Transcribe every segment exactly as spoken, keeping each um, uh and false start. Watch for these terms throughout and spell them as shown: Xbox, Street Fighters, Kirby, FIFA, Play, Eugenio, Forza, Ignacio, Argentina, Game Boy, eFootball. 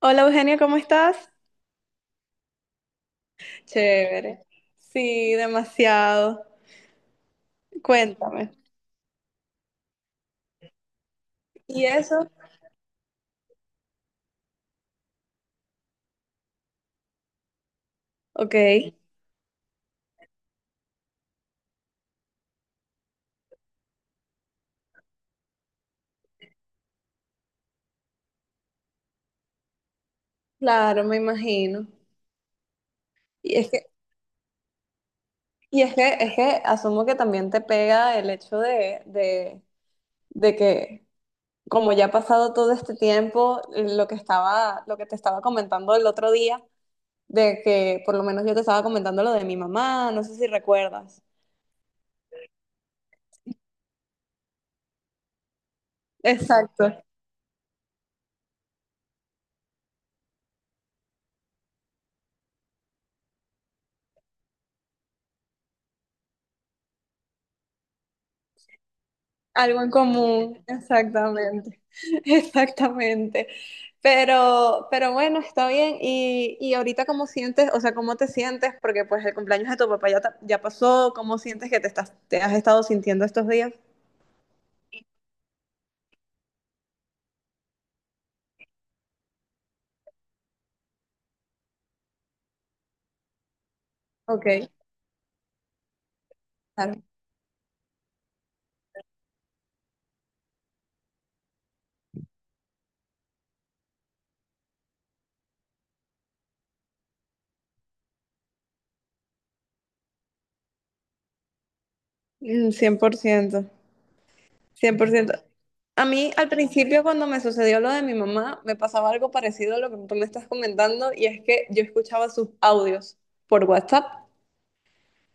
Hola Eugenio, ¿cómo estás? Chévere. Sí, demasiado. Cuéntame. ¿Y eso? Ok, claro, me imagino. Y es que, y es que, es que asumo que también te pega el hecho de, de, de que como ya ha pasado todo este tiempo, lo que estaba, lo que te estaba comentando el otro día, de que por lo menos yo te estaba comentando lo de mi mamá, no sé si recuerdas. Exacto. Algo en común, exactamente, exactamente. Pero, pero bueno, está bien. Y, y ahorita, ¿cómo sientes? O sea, ¿cómo te sientes? Porque pues el cumpleaños de tu papá ya, ta- ya pasó. ¿Cómo sientes que te estás, te has estado sintiendo estos días? Ok, claro. Mm, cien por ciento, cien por ciento. A mí, al principio, cuando me sucedió lo de mi mamá, me pasaba algo parecido a lo que tú me estás comentando, y es que yo escuchaba sus audios por WhatsApp,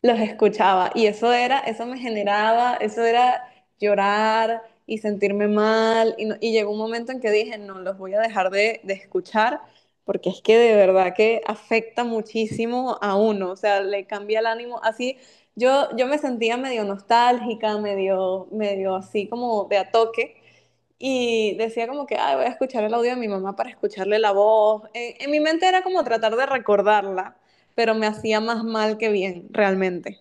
los escuchaba y eso era, eso me generaba, eso era llorar y sentirme mal y, no- y llegó un momento en que dije, no, los voy a dejar de, de escuchar, porque es que de verdad que afecta muchísimo a uno, o sea, le cambia el ánimo así. Yo, yo me sentía medio nostálgica, medio, medio así como de a toque y decía como que, ay, voy a escuchar el audio de mi mamá para escucharle la voz. en en mi mente era como tratar de recordarla, pero me hacía más mal que bien, realmente.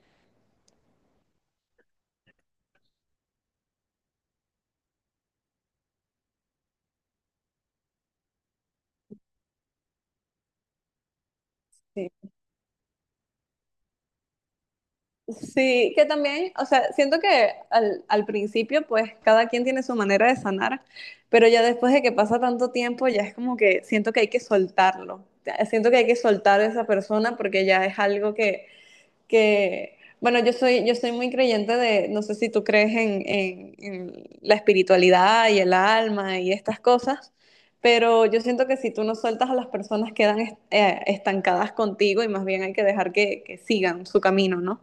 Sí, sí, que también, o sea, siento que al, al principio, pues cada quien tiene su manera de sanar, pero ya después de que pasa tanto tiempo, ya es como que siento que hay que soltarlo. Ya siento que hay que soltar a esa persona porque ya es algo que, que bueno, yo soy, yo soy muy creyente de, no sé si tú crees en, en en la espiritualidad y el alma y estas cosas. Pero yo siento que si tú no sueltas a las personas quedan est- eh, estancadas contigo y más bien hay que dejar que, que sigan su camino, ¿no?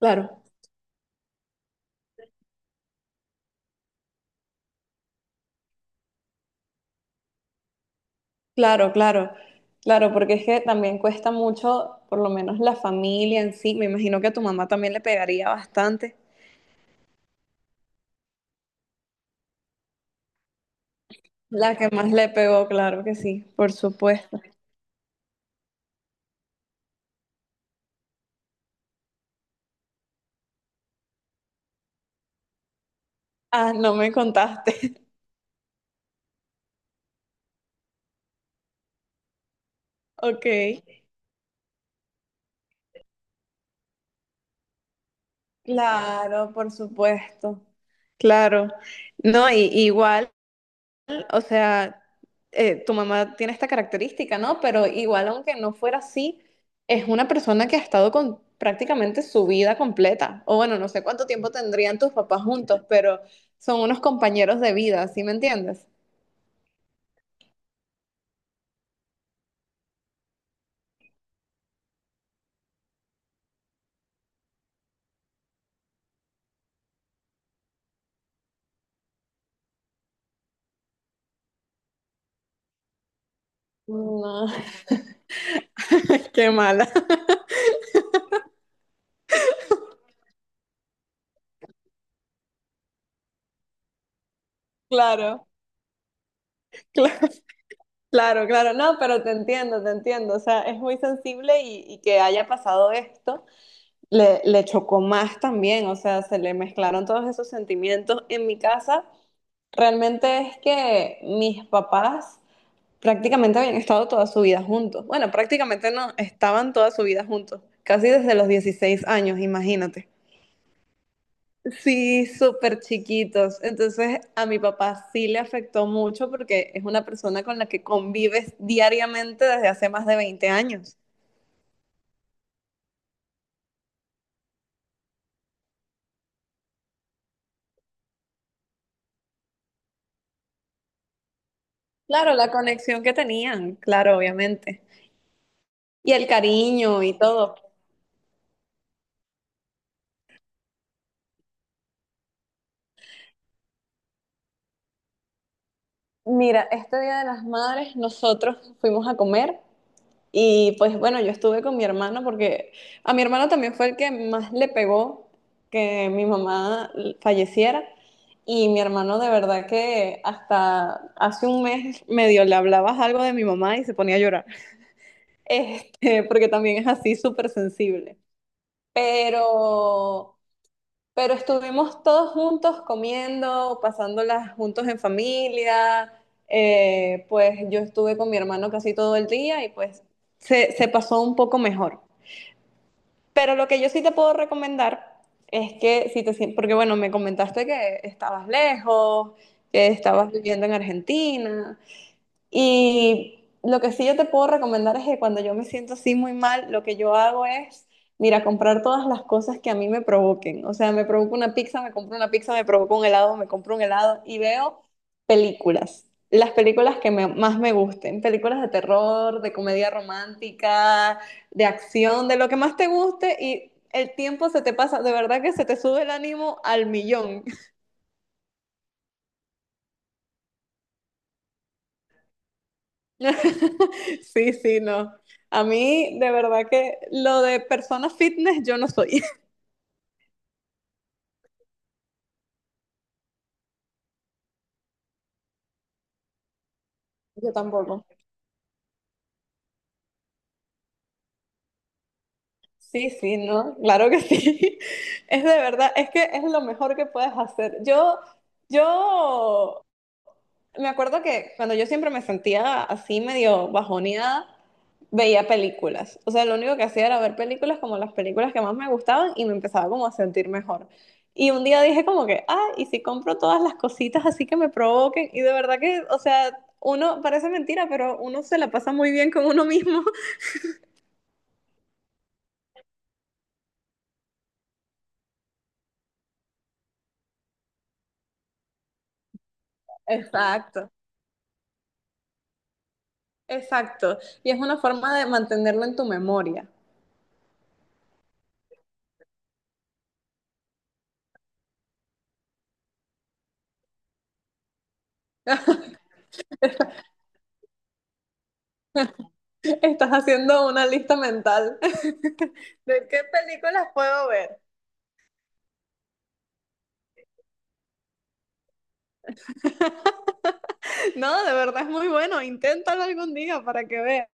Claro, claro, claro, claro, porque es que también cuesta mucho, por lo menos la familia en sí, me imagino que a tu mamá también le pegaría bastante. La que más le pegó, claro que sí, por supuesto. Ah, no me contaste. Ok, claro, por supuesto. Claro. No, y, igual. O sea, eh, tu mamá tiene esta característica, ¿no? Pero igual, aunque no fuera así, es una persona que ha estado con prácticamente su vida completa. O bueno, no sé cuánto tiempo tendrían tus papás juntos, pero son unos compañeros de vida, ¿sí me entiendes? No, qué mala. Claro, claro, claro, claro. No, pero te entiendo, te entiendo. O sea, es muy sensible y, y que haya pasado esto. Le, le chocó más también, o sea, se le mezclaron todos esos sentimientos. En mi casa, realmente es que mis papás prácticamente habían estado toda su vida juntos. Bueno, prácticamente no, estaban toda su vida juntos, casi desde los dieciséis años, imagínate. Sí, súper chiquitos. Entonces a mi papá sí le afectó mucho porque es una persona con la que convives diariamente desde hace más de veinte años. Claro, la conexión que tenían, claro, obviamente. Y el cariño y todo. Mira, este Día de las Madres nosotros fuimos a comer. Y pues bueno, yo estuve con mi hermano porque a mi hermano también fue el que más le pegó que mi mamá falleciera. Y mi hermano de verdad que hasta hace un mes medio le hablabas algo de mi mamá y se ponía a llorar. Este, porque también es así súper sensible. Pero pero estuvimos todos juntos comiendo, pasándolas juntos en familia. eh, pues yo estuve con mi hermano casi todo el día y pues se, se pasó un poco mejor. Pero lo que yo sí te puedo recomendar es que si te sientes, porque bueno, me comentaste que estabas lejos, que estabas viviendo en Argentina. Y lo que sí yo te puedo recomendar es que cuando yo me siento así muy mal, lo que yo hago es, mira, comprar todas las cosas que a mí me provoquen. O sea, me provoca una pizza, me compro una pizza, me provoca un helado, me compro un helado y veo películas. Las películas que me- más me gusten, películas de terror, de comedia romántica, de acción, de lo que más te guste y el tiempo se te pasa, de verdad que se te sube el ánimo al millón. Sí, sí, no. A mí, de verdad que lo de persona fitness yo no soy. Yo tampoco. Sí, sí, no, claro que sí. Es de verdad, es que es lo mejor que puedes hacer. Yo, yo me acuerdo que cuando yo siempre me sentía así medio bajoneada, veía películas. O sea, lo único que hacía era ver películas como las películas que más me gustaban y me empezaba como a sentir mejor. Y un día dije como que, ah, y si compro todas las cositas así que me provoquen. Y de verdad que, o sea, uno parece mentira, pero uno se la pasa muy bien con uno mismo. Exacto, exacto. Y es una forma de mantenerlo en tu memoria. Estás haciendo una lista mental de qué películas puedo ver. No, de verdad es muy bueno. Inténtalo algún día para que veas.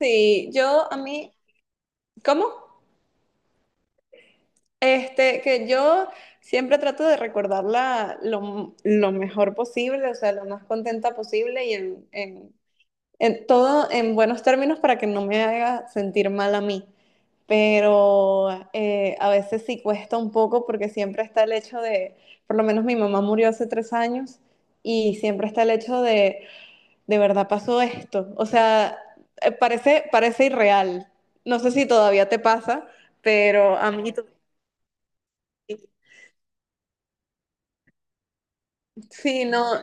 Sí, yo a mí, ¿cómo? Este, que yo siempre trato de recordarla lo, lo mejor posible, o sea, lo más contenta posible y en, en, en todo en buenos términos para que no me haga sentir mal a mí. Pero eh, a veces sí cuesta un poco porque siempre está el hecho de, por lo menos mi mamá murió hace tres años y siempre está el hecho de de verdad pasó esto. O sea, eh, parece, parece irreal. No sé si todavía te pasa, pero a mí to- sí, no,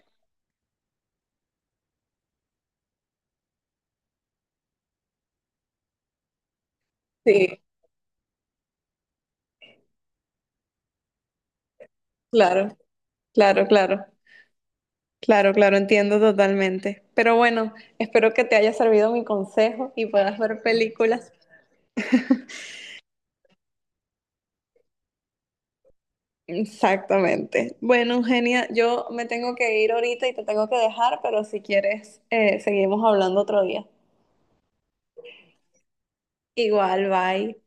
sí, claro, claro, claro, claro, claro, entiendo totalmente. Pero bueno, espero que te haya servido mi consejo y puedas ver películas. Exactamente. Bueno, Eugenia, yo me tengo que ir ahorita y te tengo que dejar, pero si quieres, eh, seguimos hablando otro día. Igual, bye.